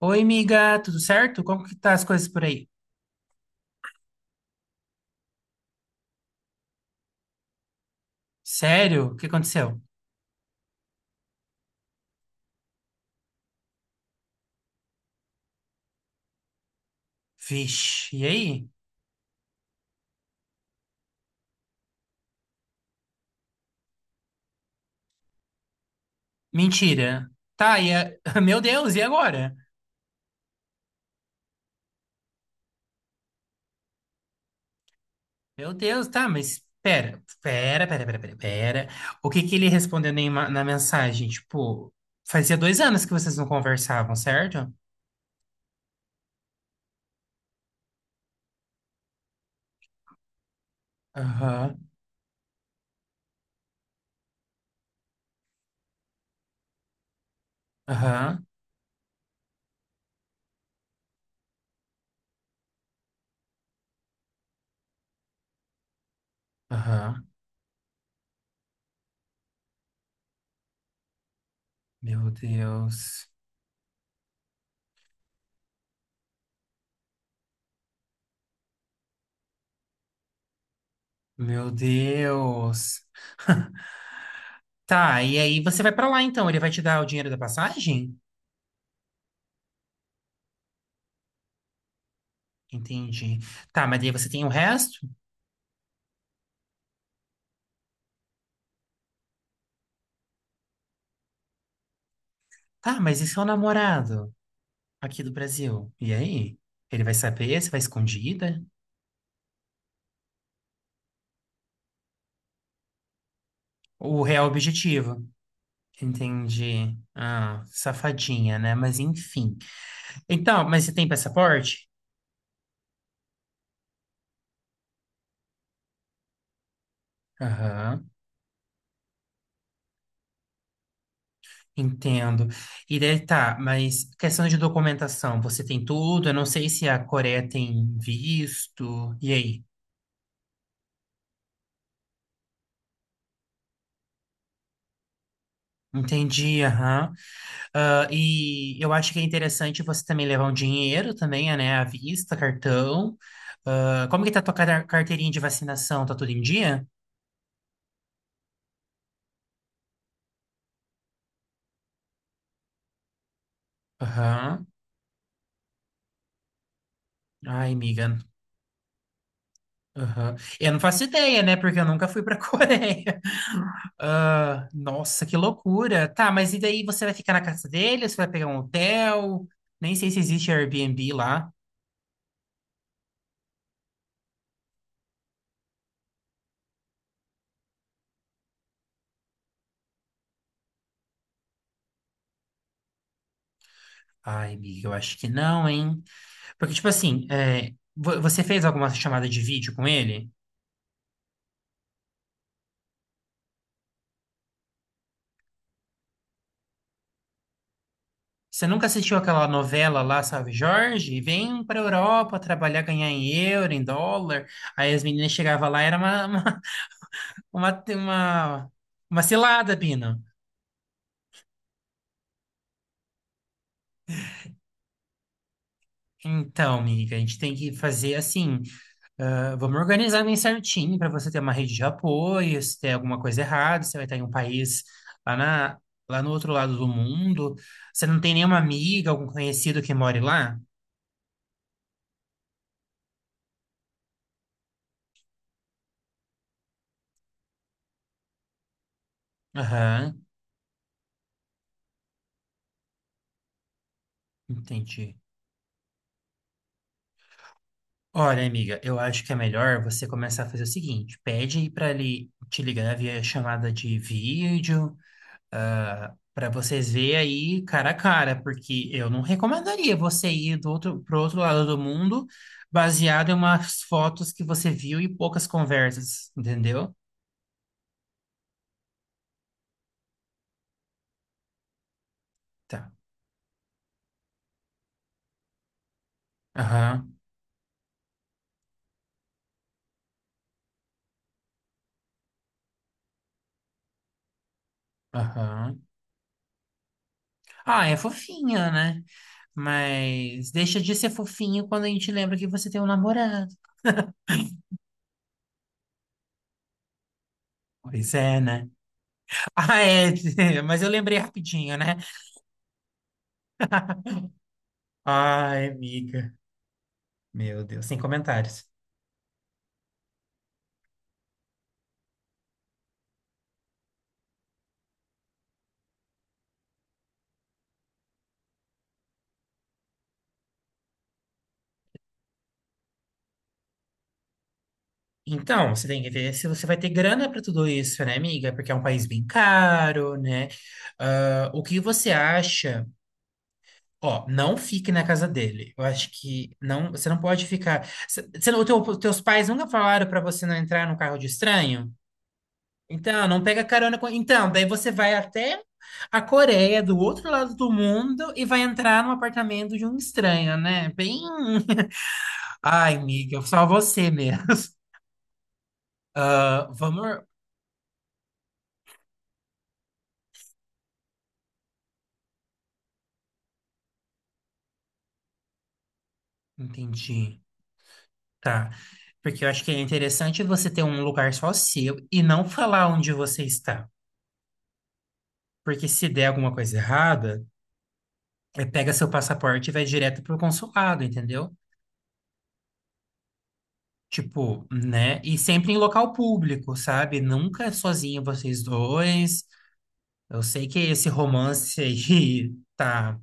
Oi, amiga, tudo certo? Como que tá as coisas por aí? Sério? O que aconteceu? Vixe, e aí? Mentira. Tá, e a... Meu Deus, e agora? Meu Deus, tá, mas pera, pera, pera, pera, pera, pera. O que que ele respondeu na mensagem? Tipo, fazia 2 anos que vocês não conversavam, certo? Aham, aham, aham. Meu Deus, meu Deus. Tá, e aí você vai pra lá então? Ele vai te dar o dinheiro da passagem? Entendi. Tá, mas daí você tem o resto? Tá, mas e seu namorado aqui do Brasil? E aí? Ele vai saber? Você vai escondida? O real objetivo. Entendi. Ah, safadinha, né? Mas enfim. Então, mas você tem passaporte? Aham, entendo. E daí tá, mas questão de documentação, você tem tudo? Eu não sei se a Coreia tem visto. E aí? Entendi, aham. Ah, e eu acho que é interessante você também levar um dinheiro também, né? À vista, cartão. Ah, como que tá a carteirinha de vacinação? Tá tudo em dia? Aham. Ai, amiga. Aham. Eu não faço ideia, né? Porque eu nunca fui pra Coreia. Ah, nossa, que loucura. Tá, mas e daí você vai ficar na casa dele? Você vai pegar um hotel? Nem sei se existe Airbnb lá. Ai, amiga, eu acho que não, hein? Porque, tipo assim, é, você fez alguma chamada de vídeo com ele? Você nunca assistiu aquela novela lá, sabe, Jorge? Vem pra Europa trabalhar, ganhar em euro, em dólar. Aí as meninas chegavam lá, era uma, uma, uma cilada, Pino. Então, amiga, a gente tem que fazer assim. Ah, vamos organizar bem certinho para você ter uma rede de apoio. Se tem alguma coisa errada, você vai estar em um país lá, na, lá no outro lado do mundo. Você não tem nenhuma amiga, algum conhecido que more lá? Aham, entendi. Olha, amiga, eu acho que é melhor você começar a fazer o seguinte: pede para ele te ligar via chamada de vídeo, para vocês verem aí cara a cara, porque eu não recomendaria você ir pro outro lado do mundo baseado em umas fotos que você viu e poucas conversas, entendeu? Tá. Aham, aham. Ah, é fofinha, né? Mas deixa de ser fofinho quando a gente lembra que você tem um namorado. Pois é, né? Ah, é, mas eu lembrei rapidinho, né? Ai, amiga. Meu Deus, sem comentários. Então, você tem que ver se você vai ter grana para tudo isso, né, amiga? Porque é um país bem caro, né? Ah, o que você acha? Ó, não fique na casa dele. Eu acho que não, você não pode ficar. Você os teus pais nunca falaram para você não entrar no carro de estranho? Então, não pega carona com. Então, daí você vai até a Coreia, do outro lado do mundo, e vai entrar no apartamento de um estranho, né? Bem. Ai, amiga, só você mesmo. Ah, vamos. Entendi. Tá. Porque eu acho que é interessante você ter um lugar só seu e não falar onde você está. Porque se der alguma coisa errada, é pega seu passaporte e vai direto pro consulado, entendeu? Tipo, né? E sempre em local público, sabe? Nunca é sozinho vocês dois. Eu sei que esse romance aí tá,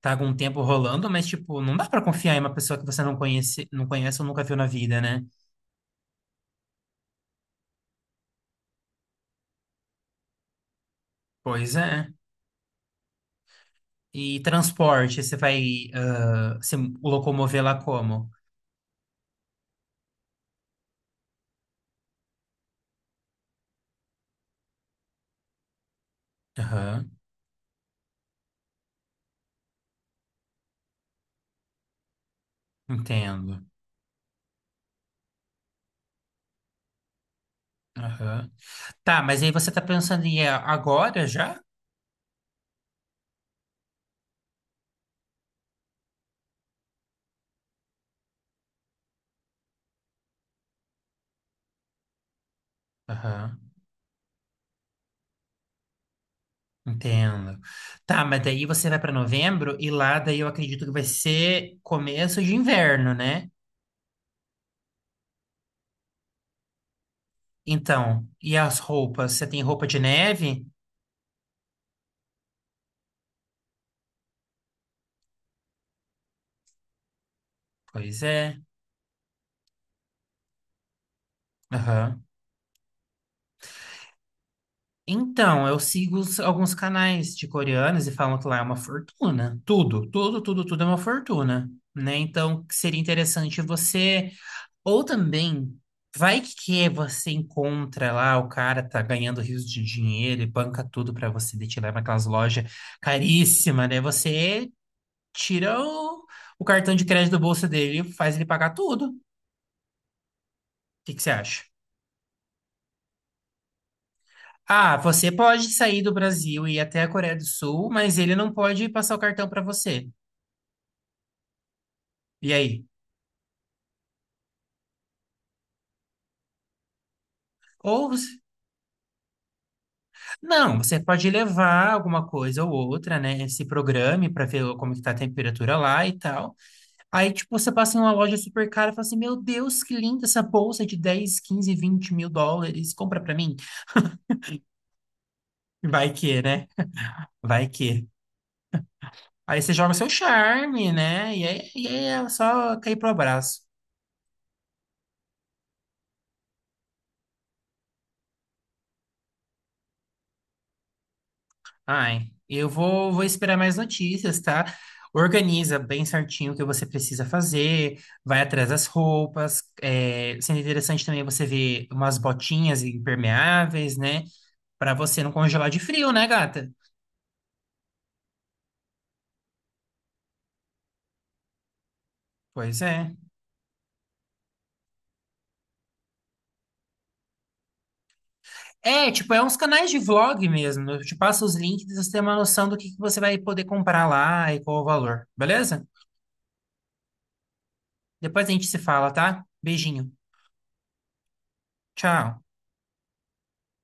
tá algum tempo rolando, mas, tipo, não dá pra confiar em uma pessoa que você não conhece, não conhece ou nunca viu na vida, né? Pois é. E transporte, você vai, ah, se locomover lá como? Aham, entendo. Aham. Tá, mas aí você tá pensando em ir agora já? Aham. Entendo. Tá, mas daí você vai para novembro e lá daí eu acredito que vai ser começo de inverno, né? Então, e as roupas? Você tem roupa de neve? Pois é. Aham. Então, eu sigo alguns canais de coreanos e falam que lá é uma fortuna. Tudo, tudo, tudo, tudo é uma fortuna, né? Então, seria interessante você Ou também, vai que você encontra lá, o cara tá ganhando rios de dinheiro e banca tudo pra você, daí te leva aquelas lojas caríssimas, né? Você tira o cartão de crédito do bolso dele e faz ele pagar tudo. O que que você acha? Ah, você pode sair do Brasil e ir até a Coreia do Sul, mas ele não pode passar o cartão pra você. E aí? Ou você- não, você pode levar alguma coisa ou outra, né? Se programe para ver como que tá a temperatura lá e tal. Aí, tipo, você passa em uma loja super cara e fala assim: Meu Deus, que linda essa bolsa de US$ 10, 15, 20 mil. Compra pra mim. Vai que, né? Vai que. Aí você joga seu charme, né? E aí é só cair pro abraço. Ai, eu vou esperar mais notícias, tá? Organiza bem certinho o que você precisa fazer, vai atrás das roupas. É, sendo interessante também você ver umas botinhas impermeáveis, né? Pra você não congelar de frio, né, gata? Pois é. É, tipo, é uns canais de vlog mesmo. Eu te passo os links pra você ter uma noção do que você vai poder comprar lá e qual o valor, beleza? Depois a gente se fala, tá? Beijinho. Tchau.